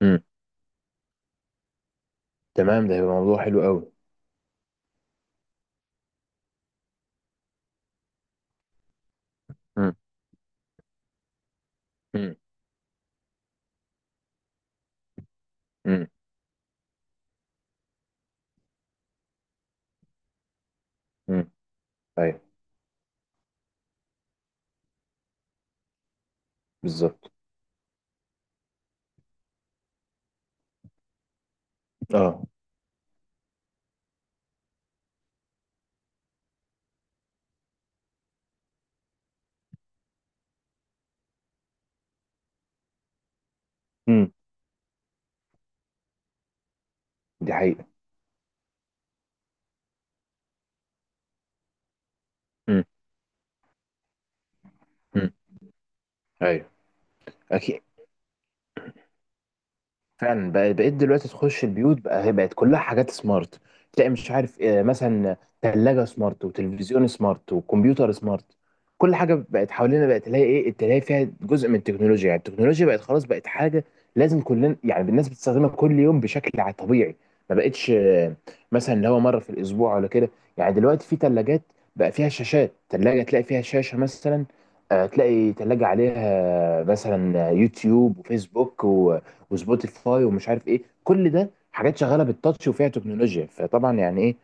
امم تمام، ده هيبقى موضوع حلو قوي. امم امم امم امم ايوه. بالظبط. اه. امم دي حقيقة. امم امم ايوه. اكيد. فعلا بقيت دلوقتي تخش البيوت، بقى هي بقت كلها حاجات سمارت. تلاقي مش عارف، مثلا ثلاجة سمارت وتلفزيون سمارت وكمبيوتر سمارت. كل حاجة بقت حوالينا بقت، تلاقي ايه، تلاقي فيها جزء من التكنولوجيا. يعني التكنولوجيا بقت خلاص، بقت حاجة لازم كلنا، يعني الناس بتستخدمها كل يوم بشكل طبيعي. ما بقتش مثلا اللي هو مرة في الأسبوع ولا كده. يعني دلوقتي في ثلاجات بقى فيها شاشات، ثلاجة تلاقي فيها شاشة مثلا. تلاقي ثلاجة عليها، مثلا يوتيوب وفيسبوك وسبوتيفاي، ومش عارف ايه، كل ده حاجات شغاله بالتاتش وفيها تكنولوجيا. فطبعا يعني ايه،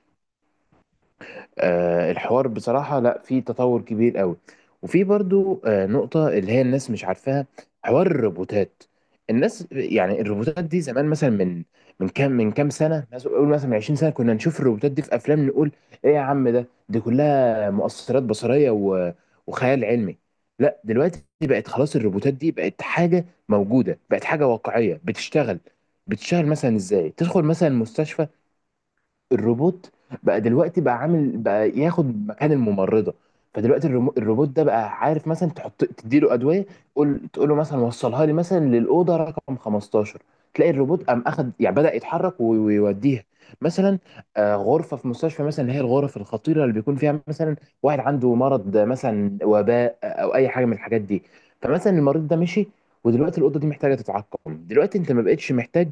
الحوار بصراحة، لا، في تطور كبير قوي. وفي برضو نقطة اللي هي الناس مش عارفاها، حوار الروبوتات. الناس، يعني الروبوتات دي زمان مثلا من كام سنة، مثلا قول مثلا من 20 سنة، كنا نشوف الروبوتات دي في أفلام، نقول إيه يا عم ده، دي كلها مؤثرات بصرية و- وخيال علمي. لا، دلوقتي بقت خلاص الروبوتات دي بقت حاجة موجودة، بقت حاجة واقعية بتشتغل. مثلا ازاي، تدخل مثلا مستشفى الروبوت، بقى دلوقتي بقى عامل بقى ياخد مكان الممرضه. فدلوقتي الروبوت ده بقى عارف، مثلا تحط، تديله ادويه. تقول له مثلا وصلها لي مثلا للاوضه رقم 15. تلاقي الروبوت قام اخد، يعني بدا يتحرك وي- ويوديها مثلا، غرفه في مستشفى مثلا، اللي هي الغرف الخطيره اللي بيكون فيها مثلا واحد عنده مرض، مثلا وباء او اي حاجه من الحاجات دي. فمثلا المريض ده مشي، ودلوقتي الاوضه دي محتاجه تتعقم. دلوقتي انت ما بقتش محتاج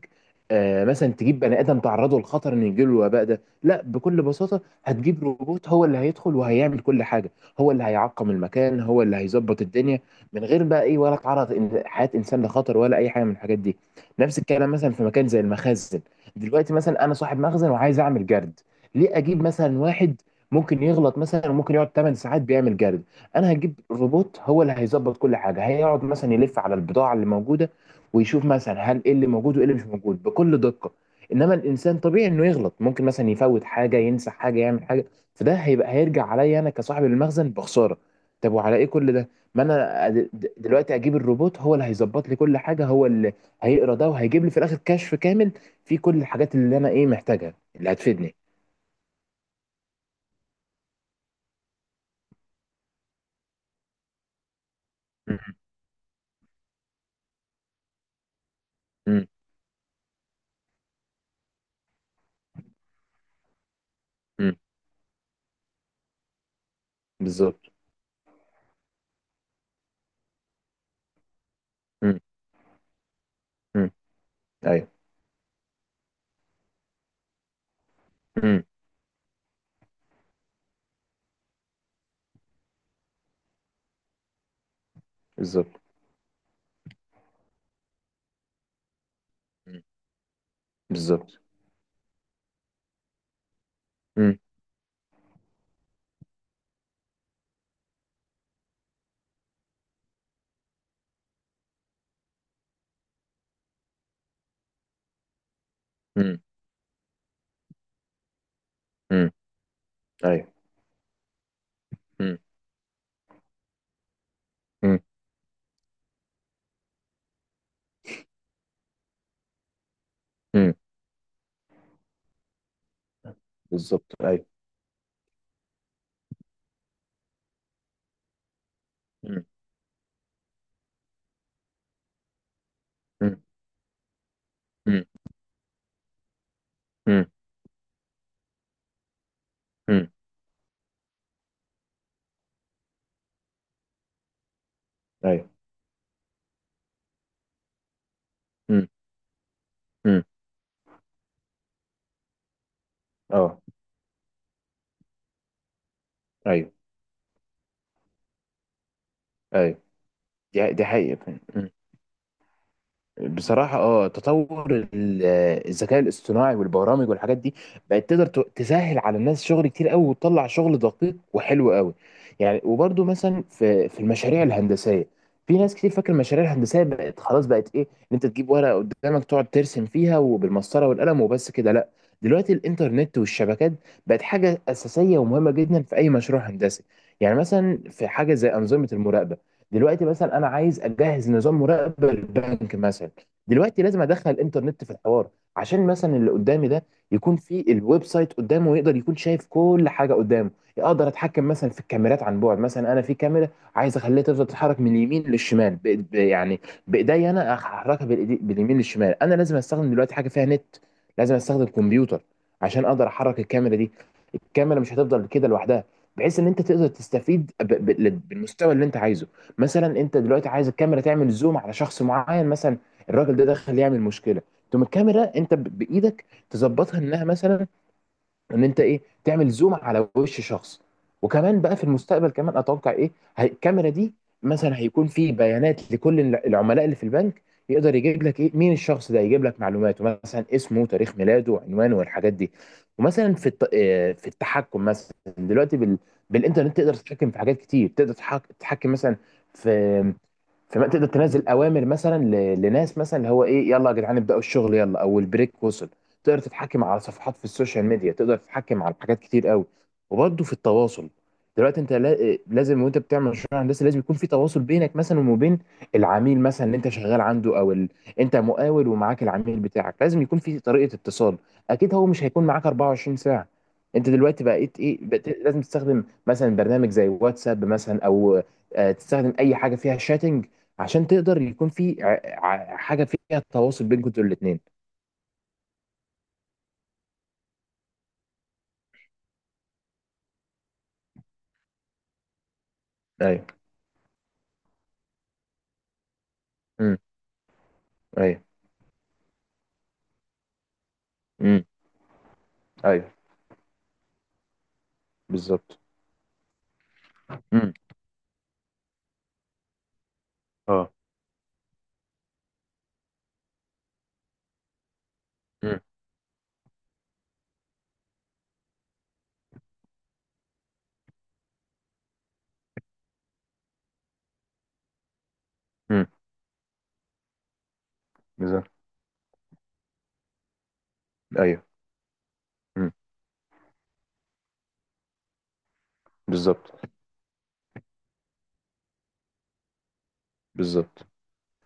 مثلا تجيب بني ادم تعرضه للخطر ان يجيله الوباء ده. لا، بكل بساطه هتجيب روبوت هو اللي هيدخل وهيعمل كل حاجه، هو اللي هيعقم المكان، هو اللي هيظبط الدنيا، من غير بقى ايه، ولا تعرض حياه انسان لخطر، ولا اي حاجه من الحاجات دي. نفس الكلام مثلا في مكان زي المخازن. دلوقتي مثلا انا صاحب مخزن وعايز اعمل جرد. ليه اجيب مثلا واحد ممكن يغلط مثلا، وممكن يقعد 8 ساعات بيعمل جرد؟ انا هجيب روبوت هو اللي هيظبط كل حاجه، هيقعد مثلا يلف على البضاعه اللي موجوده، ويشوف مثلا هل ايه اللي موجود وايه اللي مش موجود بكل دقة. انما الانسان طبيعي انه يغلط، ممكن مثلا يفوت حاجة، ينسى حاجة، يعمل حاجة، فده هيبقى هيرجع عليا انا كصاحب المخزن بخسارة. طب، وعلى ايه كل ده؟ ما انا، دلوقتي اجيب الروبوت هو اللي هيظبط لي كل حاجة، هو اللي هيقرا ده وهيجيب لي في الاخر كشف كامل فيه كل الحاجات اللي انا ايه محتاجها، اللي هتفيدني. مم. مم. مم. بالظبط. مم. مم. ايوه. مم. بالظبط. مم. بالظبط. مم. مم. مم. ايوه. مم. مم. مم. بالظبط. ايوه. مم. مم. مم. مم. مم. ايوه. مم. مم. اه. ايوه. ايوه. دي حقيقة فعلا. بصراحة اه، تطور الذكاء الاصطناعي والبرامج والحاجات دي بقت تقدر تسهل على الناس شغل كتير قوي، وتطلع شغل دقيق وحلو قوي. يعني، وبرده مثلا في المشاريع الهندسية، في ناس كتير فاكر المشاريع الهندسية بقت خلاص، بقت ايه، ان انت تجيب ورقة قدامك تقعد ترسم فيها وبالمسطرة والقلم وبس كده. لا، دلوقتي الانترنت والشبكات بقت حاجة أساسية ومهمة جدا في أي مشروع هندسي. يعني مثلا في حاجة زي أنظمة المراقبة. دلوقتي مثلا أنا عايز أجهز نظام مراقبة للبنك مثلا. دلوقتي لازم ادخل الانترنت في الحوار، عشان مثلا اللي قدامي ده يكون في الويب سايت قدامه ويقدر يكون شايف كل حاجه قدامه. اقدر اتحكم مثلا في الكاميرات عن بعد، مثلا انا في كاميرا عايز اخليها تفضل تتحرك من اليمين للشمال يعني بايديا، انا احركها بالإيدي، باليمين للشمال. انا لازم استخدم دلوقتي حاجه فيها نت، لازم استخدم كمبيوتر عشان اقدر احرك الكاميرا دي. الكاميرا مش هتفضل كده لوحدها، بحيث ان انت تقدر تستفيد بالمستوى اللي انت عايزه. مثلا انت دلوقتي عايز الكاميرا تعمل زوم على شخص معين، مثلا الراجل ده دخل يعمل مشكله، تقوم الكاميرا انت بايدك تظبطها انها مثلا، ان انت ايه، تعمل زوم على وش شخص. وكمان بقى في المستقبل كمان اتوقع ايه، الكاميرا دي مثلا هيكون في بيانات لكل العملاء اللي في البنك، يقدر يجيب لك ايه، مين الشخص ده، يجيب لك معلوماته مثلا اسمه، تاريخ ميلاده، وعنوانه، والحاجات دي. ومثلا في الت... آه، في التحكم مثلا. دلوقتي بالانترنت تقدر تتحكم في حاجات كتير، تقدر تتحكم مثلا في. فما تقدر تنزل اوامر مثلا ل- لناس مثلا، اللي هو ايه، يلا يا جدعان ابداوا الشغل، يلا او البريك وصل. تقدر تتحكم على صفحات في السوشيال ميديا، تقدر تتحكم على حاجات كتير قوي. وبرضه في التواصل، دلوقتي انت لازم وانت بتعمل مشروع هندسي لازم يكون في تواصل بينك مثلا وبين العميل مثلا اللي انت شغال عنده، او انت مقاول ومعاك العميل بتاعك لازم يكون في طريقة اتصال. اكيد هو مش هيكون معاك 24 ساعة. انت دلوقتي بقيت ايه، بقيت لازم تستخدم مثلا برنامج زي واتساب مثلا، او تستخدم اي حاجة فيها شاتنج، عشان تقدر يكون في حاجه فيها تواصل بينكم انتوا الاثنين. ايوه. امم ايوه. امم ايوه. بالظبط. امم اه. امم امم بالظبط. ايوه. امم بالظبط. بالظبط.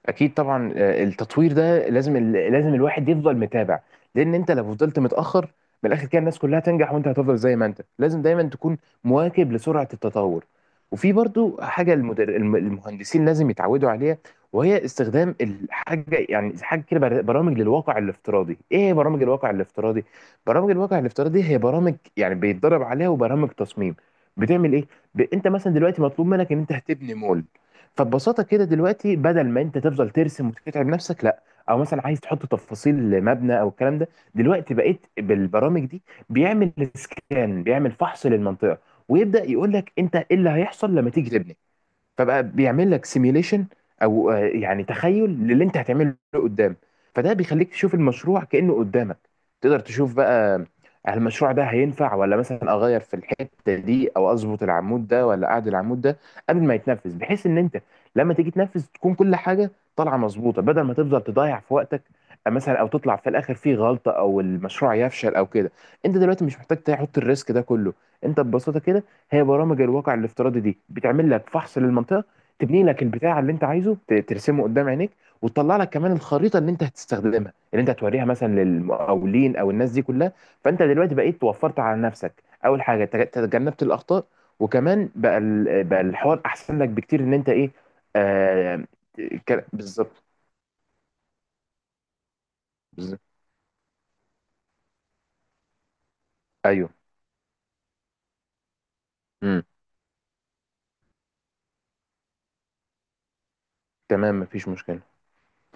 اكيد طبعا، التطوير ده لازم لازم الواحد يفضل متابع، لان انت لو فضلت متاخر، من الاخر كده الناس كلها تنجح وانت هتفضل زي ما انت. لازم دايما تكون مواكب لسرعه التطور. وفي برضو حاجه المهندسين لازم يتعودوا عليها، وهي استخدام الحاجه، يعني حاجه كده برامج للواقع الافتراضي. ايه هي برامج الواقع الافتراضي؟ برامج الواقع الافتراضي هي برامج يعني بيتدرب عليها، وبرامج تصميم. بتعمل ايه؟ انت مثلا دلوقتي مطلوب منك ان انت هتبني مول. فببساطه كده دلوقتي بدل ما انت تفضل ترسم وتتعب نفسك، لا، او مثلا عايز تحط تفاصيل مبنى او الكلام ده، دلوقتي بقيت بالبرامج دي. بيعمل سكان، بيعمل فحص للمنطقه، ويبدا يقول لك انت ايه اللي هيحصل لما تيجي تبني. فبقى بيعمل لك سيميليشن، او يعني تخيل للي انت هتعمله قدام. فده بيخليك تشوف المشروع كأنه قدامك. تقدر تشوف بقى، هل المشروع ده هينفع، ولا مثلا اغير في الحته دي، او اظبط العمود ده، ولا اعدل العمود ده، قبل ما يتنفذ، بحيث ان انت لما تيجي تنفذ تكون كل حاجه طالعه مظبوطه، بدل ما تفضل تضيع في وقتك، مثلا او تطلع في الاخر فيه غلطه، او المشروع يفشل او كده. انت دلوقتي مش محتاج تحط الريسك ده كله. انت ببساطه كده، هي برامج الواقع الافتراضي دي بتعمل لك فحص للمنطقه، تبني لك البتاع اللي انت عايزه ترسمه قدام عينيك، وتطلع لك كمان الخريطه اللي انت هتستخدمها، اللي انت هتوريها مثلا للمقاولين او الناس دي كلها. فانت دلوقتي بقيت وفرت على نفسك، اول حاجه تجنبت الاخطاء، وكمان بقى بقى الحوار احسن لك بكتير ان انت ايه. آه. بالظبط. بالظبط. ايوه. امم تمام، مفيش مشكله.